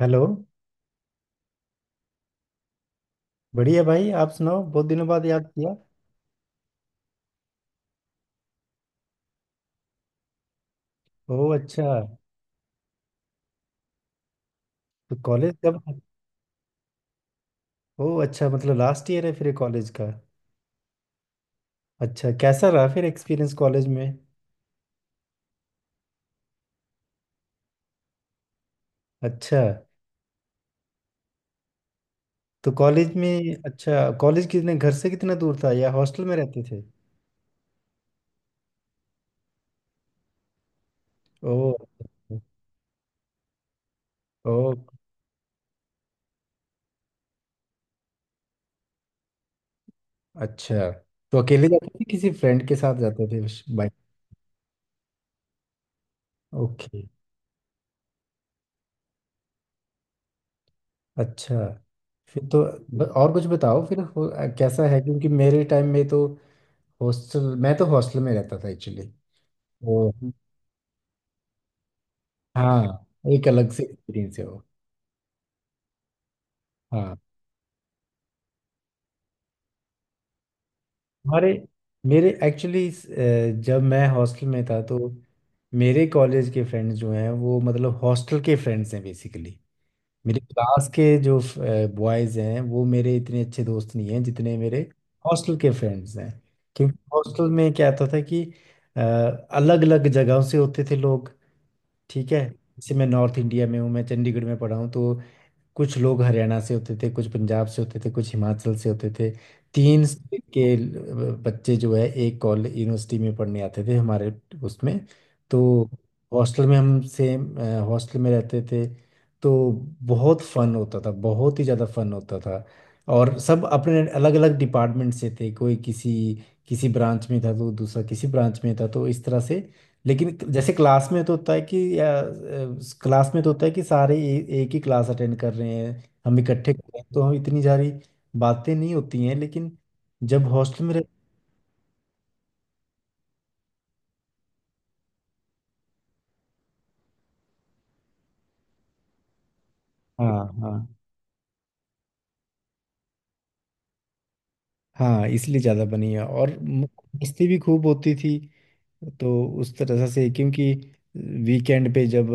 Hello. बढ़िया भाई, आप सुनाओ, बहुत दिनों बाद याद किया। ओह अच्छा। तो कॉलेज कब। ओह अच्छा, मतलब लास्ट ईयर है फिर कॉलेज का। अच्छा, कैसा रहा फिर एक्सपीरियंस कॉलेज में। अच्छा, तो कॉलेज में अच्छा, कॉलेज कितने घर से कितना दूर था या हॉस्टल में रहते थे। ओह अच्छा, ओह अच्छा, तो अकेले जाते थे किसी फ्रेंड के साथ जाते थे बाइक। ओके, अच्छा। फिर तो और कुछ बताओ फिर कैसा है, क्योंकि मेरे टाइम में तो हॉस्टल, मैं तो हॉस्टल में रहता था एक्चुअली। वो, हाँ, एक अलग से एक्सपीरियंस है वो। हाँ, हमारे मेरे एक्चुअली जब मैं हॉस्टल में था तो मेरे कॉलेज के फ्रेंड्स जो हैं वो मतलब हॉस्टल के फ्रेंड्स हैं बेसिकली। मेरे क्लास के जो बॉयज़ हैं वो मेरे इतने अच्छे दोस्त नहीं हैं जितने मेरे हॉस्टल के फ्रेंड्स हैं। क्योंकि हॉस्टल में क्या होता था कि अलग अलग जगहों से होते थे लोग। ठीक है, जैसे मैं नॉर्थ इंडिया में हूँ, मैं चंडीगढ़ में पढ़ा हूँ, तो कुछ लोग हरियाणा से होते थे, कुछ पंजाब से होते थे, कुछ हिमाचल से होते थे। तीन स्टेट के बच्चे जो है एक कॉलेज यूनिवर्सिटी में पढ़ने आते थे हमारे उसमें। तो हॉस्टल में हम सेम हॉस्टल में रहते थे, तो बहुत फन होता था, बहुत ही ज़्यादा फन होता था। और सब अपने अलग अलग डिपार्टमेंट से थे, कोई किसी किसी ब्रांच में था तो दूसरा किसी ब्रांच में था, तो इस तरह से। लेकिन जैसे क्लास में तो होता है कि क्लास में तो होता है कि सारे एक ही क्लास अटेंड कर रहे हैं, हम इकट्ठे कर रहे हैं, तो हम इतनी सारी बातें नहीं होती हैं। लेकिन जब हॉस्टल में रह, हाँ हाँ हाँ, इसलिए ज़्यादा बनी है और मस्ती भी खूब होती थी। तो उस तरह से, क्योंकि वीकेंड पे जब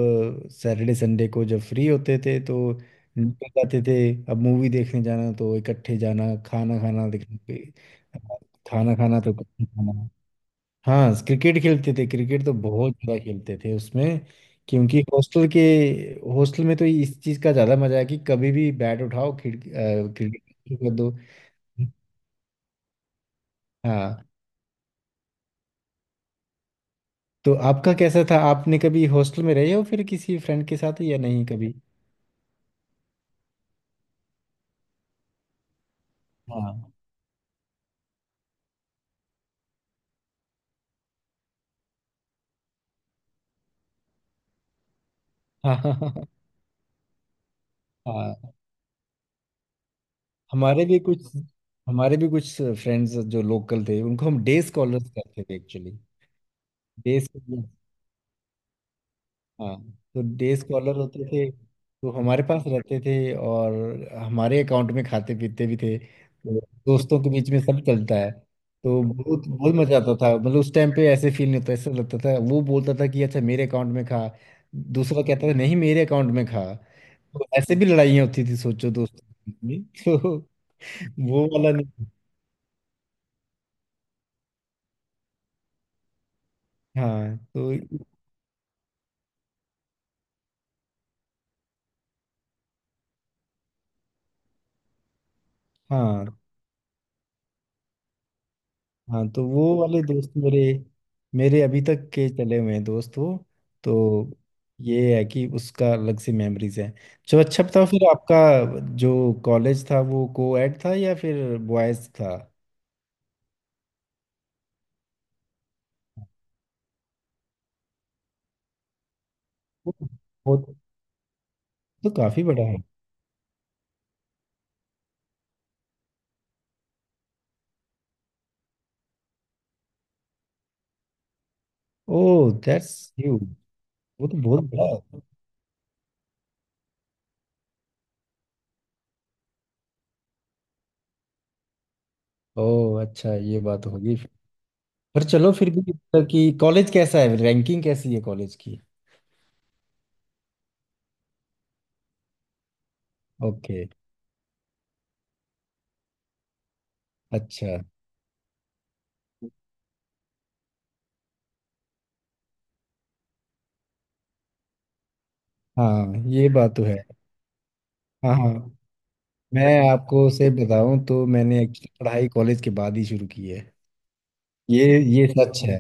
सैटरडे संडे को जब फ्री होते थे तो निकल जाते थे। अब मूवी देखने जाना तो इकट्ठे जाना, खाना खाना देखने पे, खाना खाना तो इकट्ठे खाना। हाँ, क्रिकेट खेलते थे, क्रिकेट तो बहुत ज़्यादा खेलते थे उसमें। क्योंकि हॉस्टल में तो इस चीज़ का ज़्यादा मज़ा है कि कभी भी बैट उठाओ, खिड़की क्रिकेट शुरू कर दो। हाँ, तो आपका कैसा था, आपने कभी हॉस्टल में रहे हो फिर किसी फ्रेंड के साथ या नहीं कभी। हाँ हाँ हाँ हाँ हाँ। हमारे भी कुछ हमारे भी कुछ फ्रेंड्स जो लोकल थे उनको हम डे स्कॉलर्स कहते थे एक्चुअली। डे हाँ, तो डे स्कॉलर होते थे तो हमारे पास रहते थे, और हमारे अकाउंट में खाते पीते भी थे तो दोस्तों के बीच में सब चलता है। तो बहुत बहुत मजा आता था, मतलब उस टाइम पे ऐसे फील नहीं होता, ऐसा लगता था वो बोलता था कि अच्छा मेरे अकाउंट में खा, दूसरा कहता था नहीं मेरे अकाउंट में खा। तो ऐसे भी लड़ाइयाँ होती थी, सोचो, दोस्तों के बीच में तो वो वाला नहीं। हाँ तो, हाँ हाँ, तो वो वाले दोस्त मेरे, मेरे अभी तक के चले हुए हैं दोस्त वो। तो ये है कि उसका अलग से मेमोरीज हैं। चलो अच्छा बताओ फिर आपका जो कॉलेज था वो को एड था या फिर बॉयज था। वो वो तो काफी बड़ा है। ओह दैट्स ह्यूज, वो तो बहुत बड़ा है। ओह अच्छा, ये बात होगी फिर। पर चलो, फिर भी मतलब कि कॉलेज कैसा है, रैंकिंग कैसी है कॉलेज की। ओके, अच्छा। हाँ, ये बात तो है। हाँ हाँ, मैं आपको से बताऊं तो मैंने एक्चुअली पढ़ाई कॉलेज के बाद ही शुरू की है। ये ये सच है,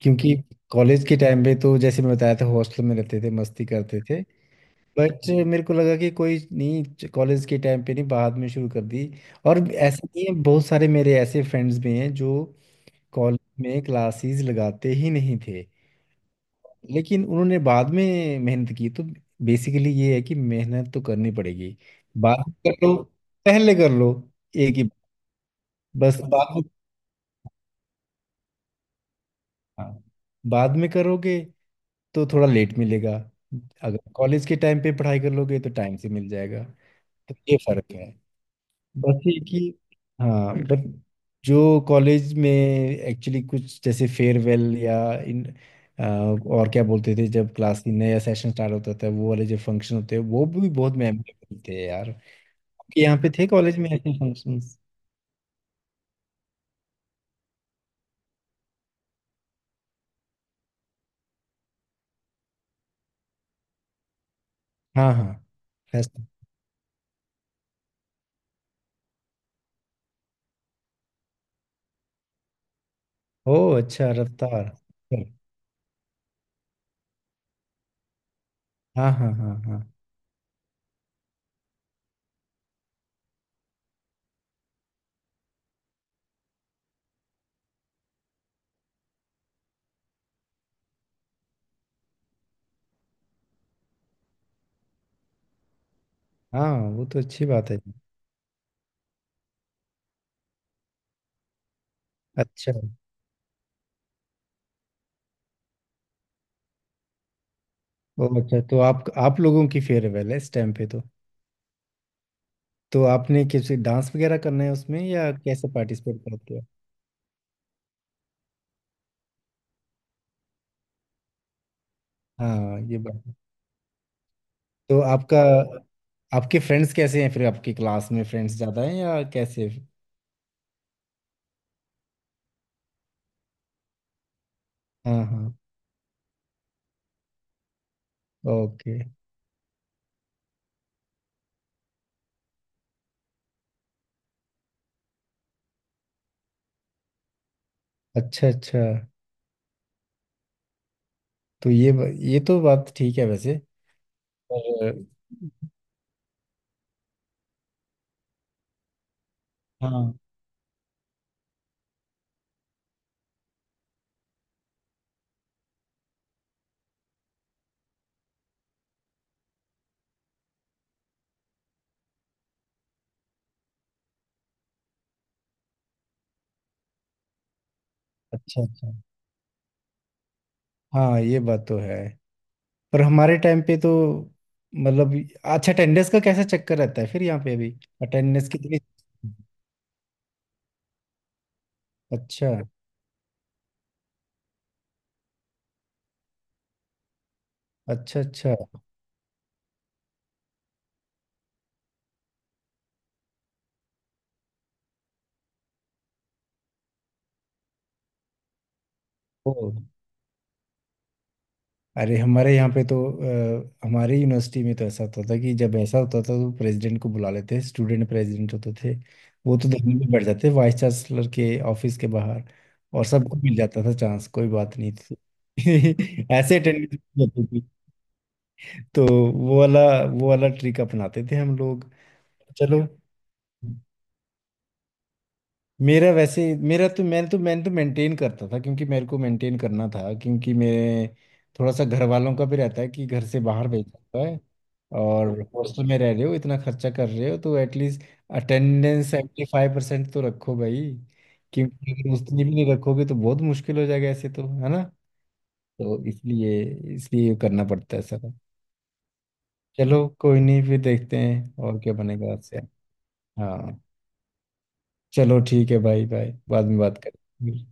क्योंकि कॉलेज के टाइम पे तो जैसे मैं बताया था हॉस्टल में रहते थे, मस्ती करते थे। बट मेरे को लगा कि कोई नहीं, कॉलेज के टाइम पे नहीं बाद में शुरू कर दी। और ऐसे नहीं है, बहुत सारे मेरे ऐसे फ्रेंड्स भी हैं जो कॉलेज में क्लासेस लगाते ही नहीं थे, लेकिन उन्होंने बाद में मेहनत की। तो बेसिकली ये है कि मेहनत तो करनी पड़ेगी, बाद में कर लो पहले कर लो, एक ही। बस बाद में, हाँ, बाद में करोगे तो थोड़ा लेट मिलेगा, अगर कॉलेज के टाइम पे पढ़ाई कर लोगे तो टाइम से मिल जाएगा। तो ये फर्क है। बस ये कि हाँ, बट जो कॉलेज में एक्चुअली कुछ जैसे फेयरवेल या अ, और क्या बोलते थे, जब क्लास की नया सेशन स्टार्ट होता था वो वाले जो फंक्शन होते हैं वो भी बहुत मेमोरेबल थे यार। आपके यहाँ पे थे कॉलेज में ऐसे फंक्शंस। हाँ हाँ, फेस्ट। ओ अच्छा, रफ्तार। हाँ हाँ हाँ हाँ हाँ, वो तो अच्छी बात है। अच्छा, ओ अच्छा, तो आप लोगों की फेयरवेल है इस टाइम पे तो। तो आपने किसी डांस वगैरह करना है उसमें या कैसे पार्टिसिपेट करते हो। हाँ, ये बात है। तो आपका आपके फ्रेंड्स कैसे हैं फिर, आपकी क्लास में फ्रेंड्स ज़्यादा हैं या कैसे। हाँ हाँ, ओके। अच्छा अच्छा, तो ये तो बात ठीक है वैसे। पर हाँ, अच्छा अच्छा। हाँ, ये बात तो है। पर हमारे टाइम पे तो, मतलब, अच्छा, अटेंडेंस का कैसा चक्कर रहता है फिर यहाँ पे अभी, अटेंडेंस कितनी। अच्छा अच्छा अच्छा। ओ अरे, हमारे यहाँ पे तो हमारे यूनिवर्सिटी में तो ऐसा होता था कि जब ऐसा होता था तो प्रेसिडेंट को बुला लेते, स्टूडेंट प्रेसिडेंट होते थे, वो तो दिल्ली में बैठ जाते वाइस चांसलर के ऑफिस के बाहर और सबको मिल जाता था चांस, कोई बात नहीं थी। ऐसे अटेंडेंस होती थी तो वो वाला ट्रिक अपनाते थे हम लोग। चलो। मेरा वैसे मेरा तो, मैंने तो मेंटेन करता था, क्योंकि मेरे को मेंटेन करना था, क्योंकि मेरे थोड़ा सा घर वालों का भी रहता है कि घर से बाहर भेजना होता है और हॉस्टल में रह रहे हो, इतना खर्चा कर रहे हो, तो एटलीस्ट अटेंडेंस 75% तो रखो भाई। क्योंकि अगर उतनी भी नहीं रखोगे तो बहुत मुश्किल हो जाएगा, ऐसे तो है ना। तो इसलिए, इसलिए करना पड़ता है सारा। चलो कोई नहीं, फिर देखते हैं और क्या बनेगा आपसे। हाँ, चलो ठीक है भाई, बाय, बाद में बात करें।